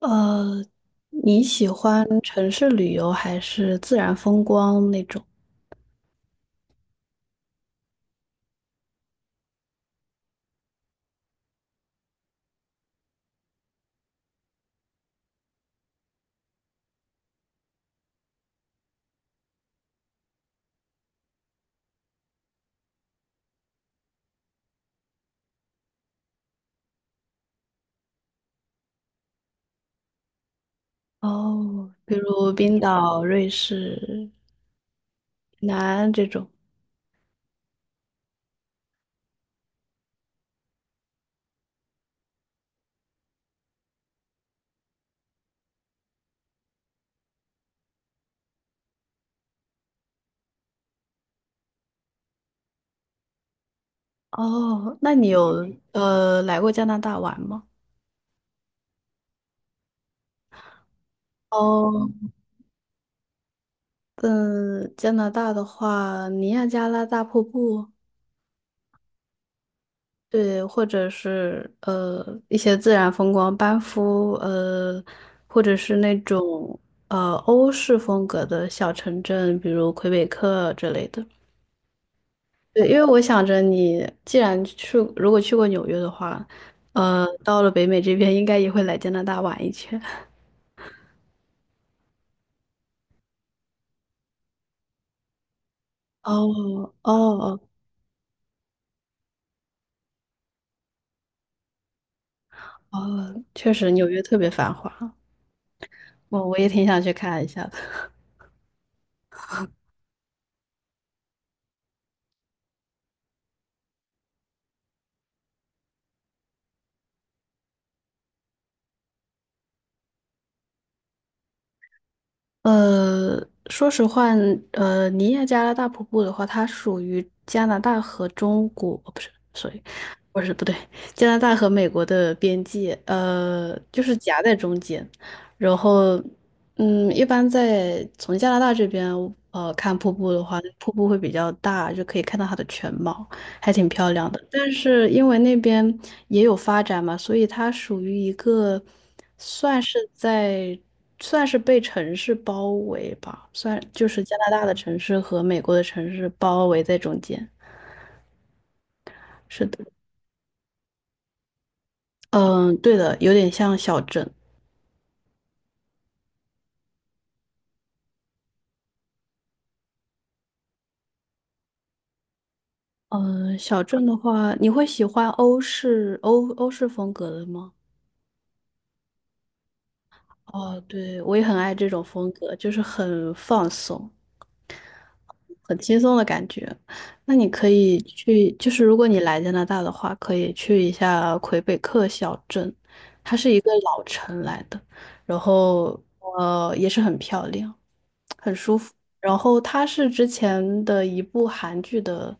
呃，你喜欢城市旅游还是自然风光那种？哦，比如冰岛、瑞士、南安这种。哦，那你有来过加拿大玩吗？哦，嗯，加拿大的话，尼亚加拉大瀑布，对，或者是一些自然风光，班夫，或者是那种欧式风格的小城镇，比如魁北克之类的。对，因为我想着你既然去，如果去过纽约的话，呃，到了北美这边应该也会来加拿大玩一圈。哦哦哦哦，确实纽约特别繁华，我也挺想去看一下的。呃，说实话，呃，尼亚加拉大瀑布的话，它属于加拿大和中国，哦不是所以不是，不对，加拿大和美国的边界，就是夹在中间。然后，嗯，一般在从加拿大这边，看瀑布的话，瀑布会比较大，就可以看到它的全貌。还挺漂亮的。但是因为那边也有发展嘛，所以它属于一个算是在算是被城市包围吧，算就是加拿大的城市和美国的城市包围在中间。是的，嗯，对的，有点像小镇。嗯，小镇的话，你会喜欢欧式风格的吗？哦，对，我也很爱这种风格，就是很放松。很轻松的感觉。那你可以去，就是如果你来加拿大的话，可以去一下魁北克小镇，它是一个老城来的，然后也是很漂亮，很舒服。然后它是之前的一部韩剧的，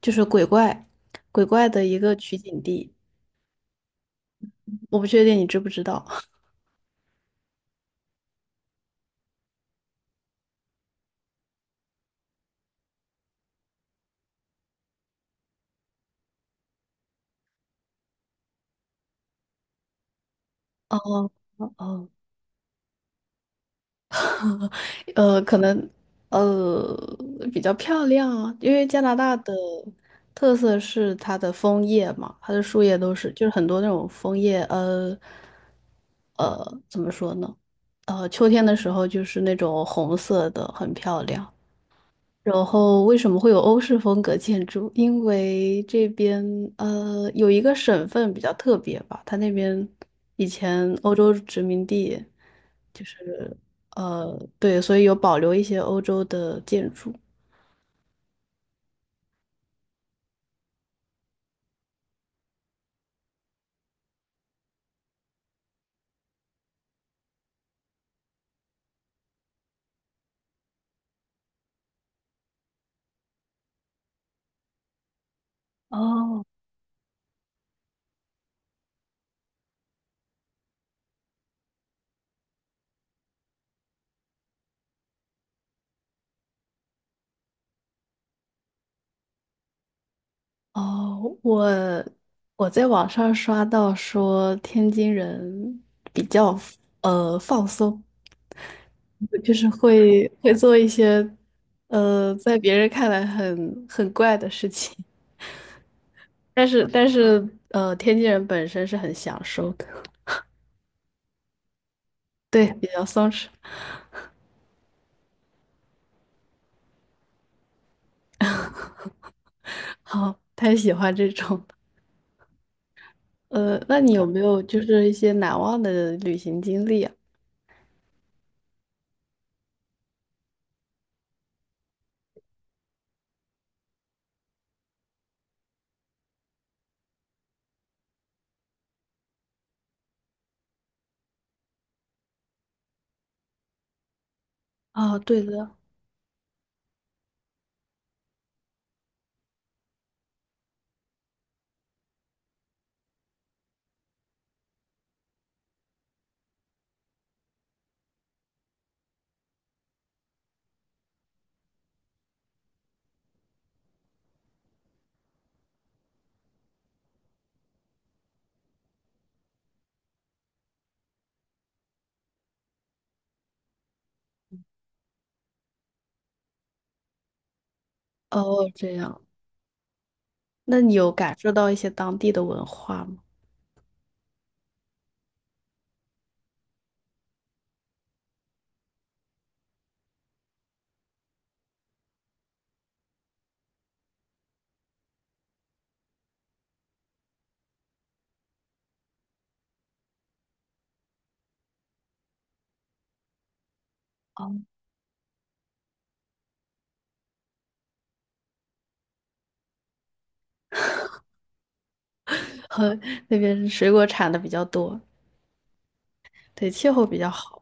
就是鬼怪，鬼怪的一个取景地，我不确定你知不知道。哦哦哦。可能呃比较漂亮啊，因为加拿大的特色是它的枫叶嘛，它的树叶都是就是很多那种枫叶，怎么说呢？秋天的时候就是那种红色的，很漂亮。然后为什么会有欧式风格建筑？因为这边有一个省份比较特别吧，它那边以前欧洲殖民地，就是对，所以有保留一些欧洲的建筑。哦，哦，我在网上刷到说天津人比较放松，就是会做一些在别人看来很怪的事情。但是天津人本身是很享受的，对，比较松弛，好，太喜欢这种了那你有没有就是一些难忘的旅行经历啊？啊，对的，哦，这样，那你有感受到一些当地的文化吗？哦，和那边水果产的比较多，对，气候比较好。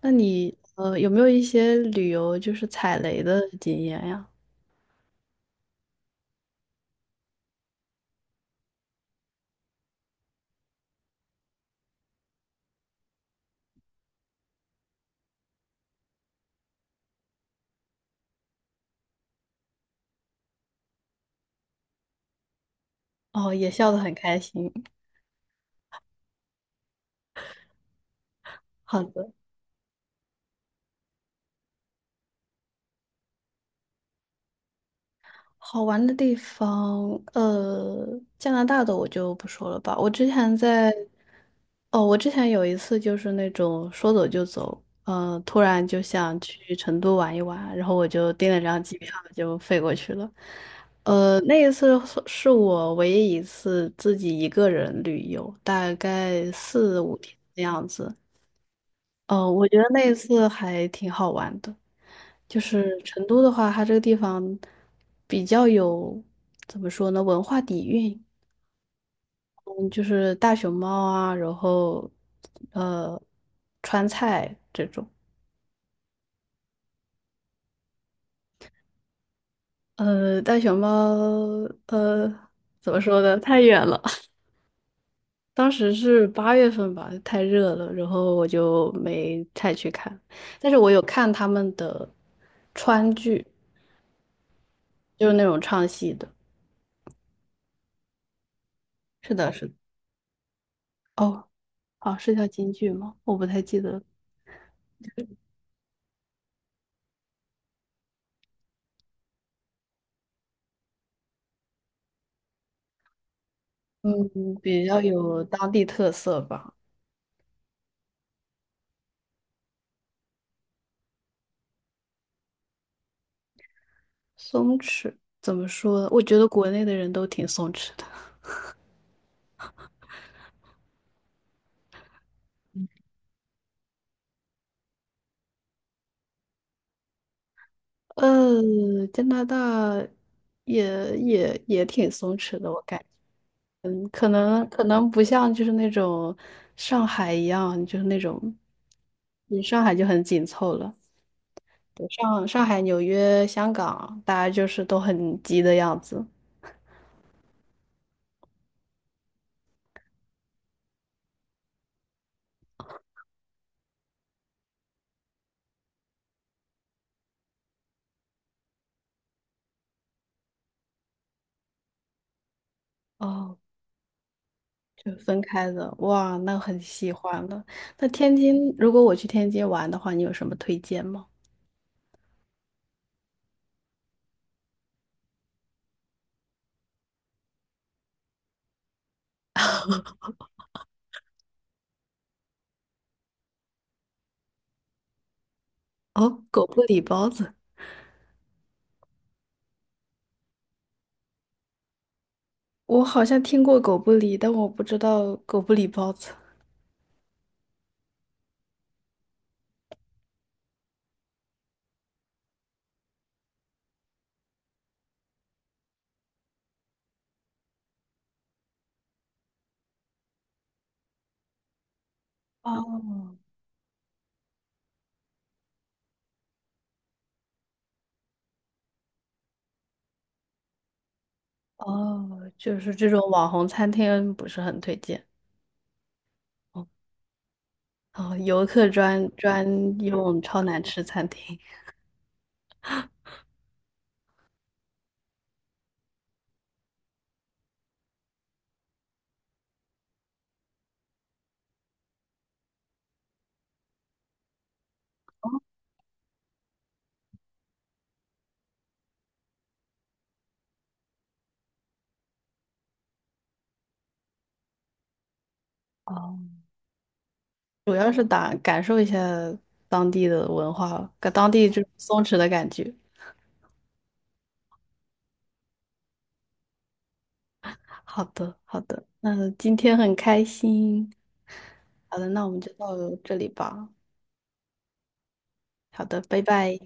那你有没有一些旅游就是踩雷的经验呀？哦，也笑得很开心。好的，好玩的地方，呃，加拿大的我就不说了吧。我之前在，哦，我之前有一次就是那种说走就走，呃，突然就想去成都玩一玩，然后我就订了张机票就飞过去了。那一次是我唯一一次自己一个人旅游，大概四五天的样子。哦，我觉得那一次还挺好玩的。就是成都的话，它这个地方比较有怎么说呢，文化底蕴。嗯，就是大熊猫啊，然后呃，川菜这种。呃，大熊猫呃，怎么说呢，太远了。当时是八月份吧，太热了，然后我就没太去看。但是我有看他们的川剧，就是那种唱戏的。是的，是的。哦，哦，是叫京剧吗？我不太记得了嗯，比较有当地特色吧。松弛怎么说？我觉得国内的人都挺松弛的。加拿大也也挺松弛的，我感觉。嗯，可能不像就是那种上海一样，就是那种，你上海就很紧凑了。对上海、纽约、香港，大家就是都很急的样子。哦，就分开的，哇，那很喜欢了。那天津，如果我去天津玩的话，你有什么推荐吗？哦，狗不理包子。我好像听过狗不理，但我不知道狗不理包子。哦哦，就是这种网红餐厅不是很推荐哦。哦，游客专用超难吃餐厅，主要是打感受一下当地的文化，跟当地这种松弛的感觉。好的，好的，那今天很开心。好的，那我们就到这里吧。好的，拜拜。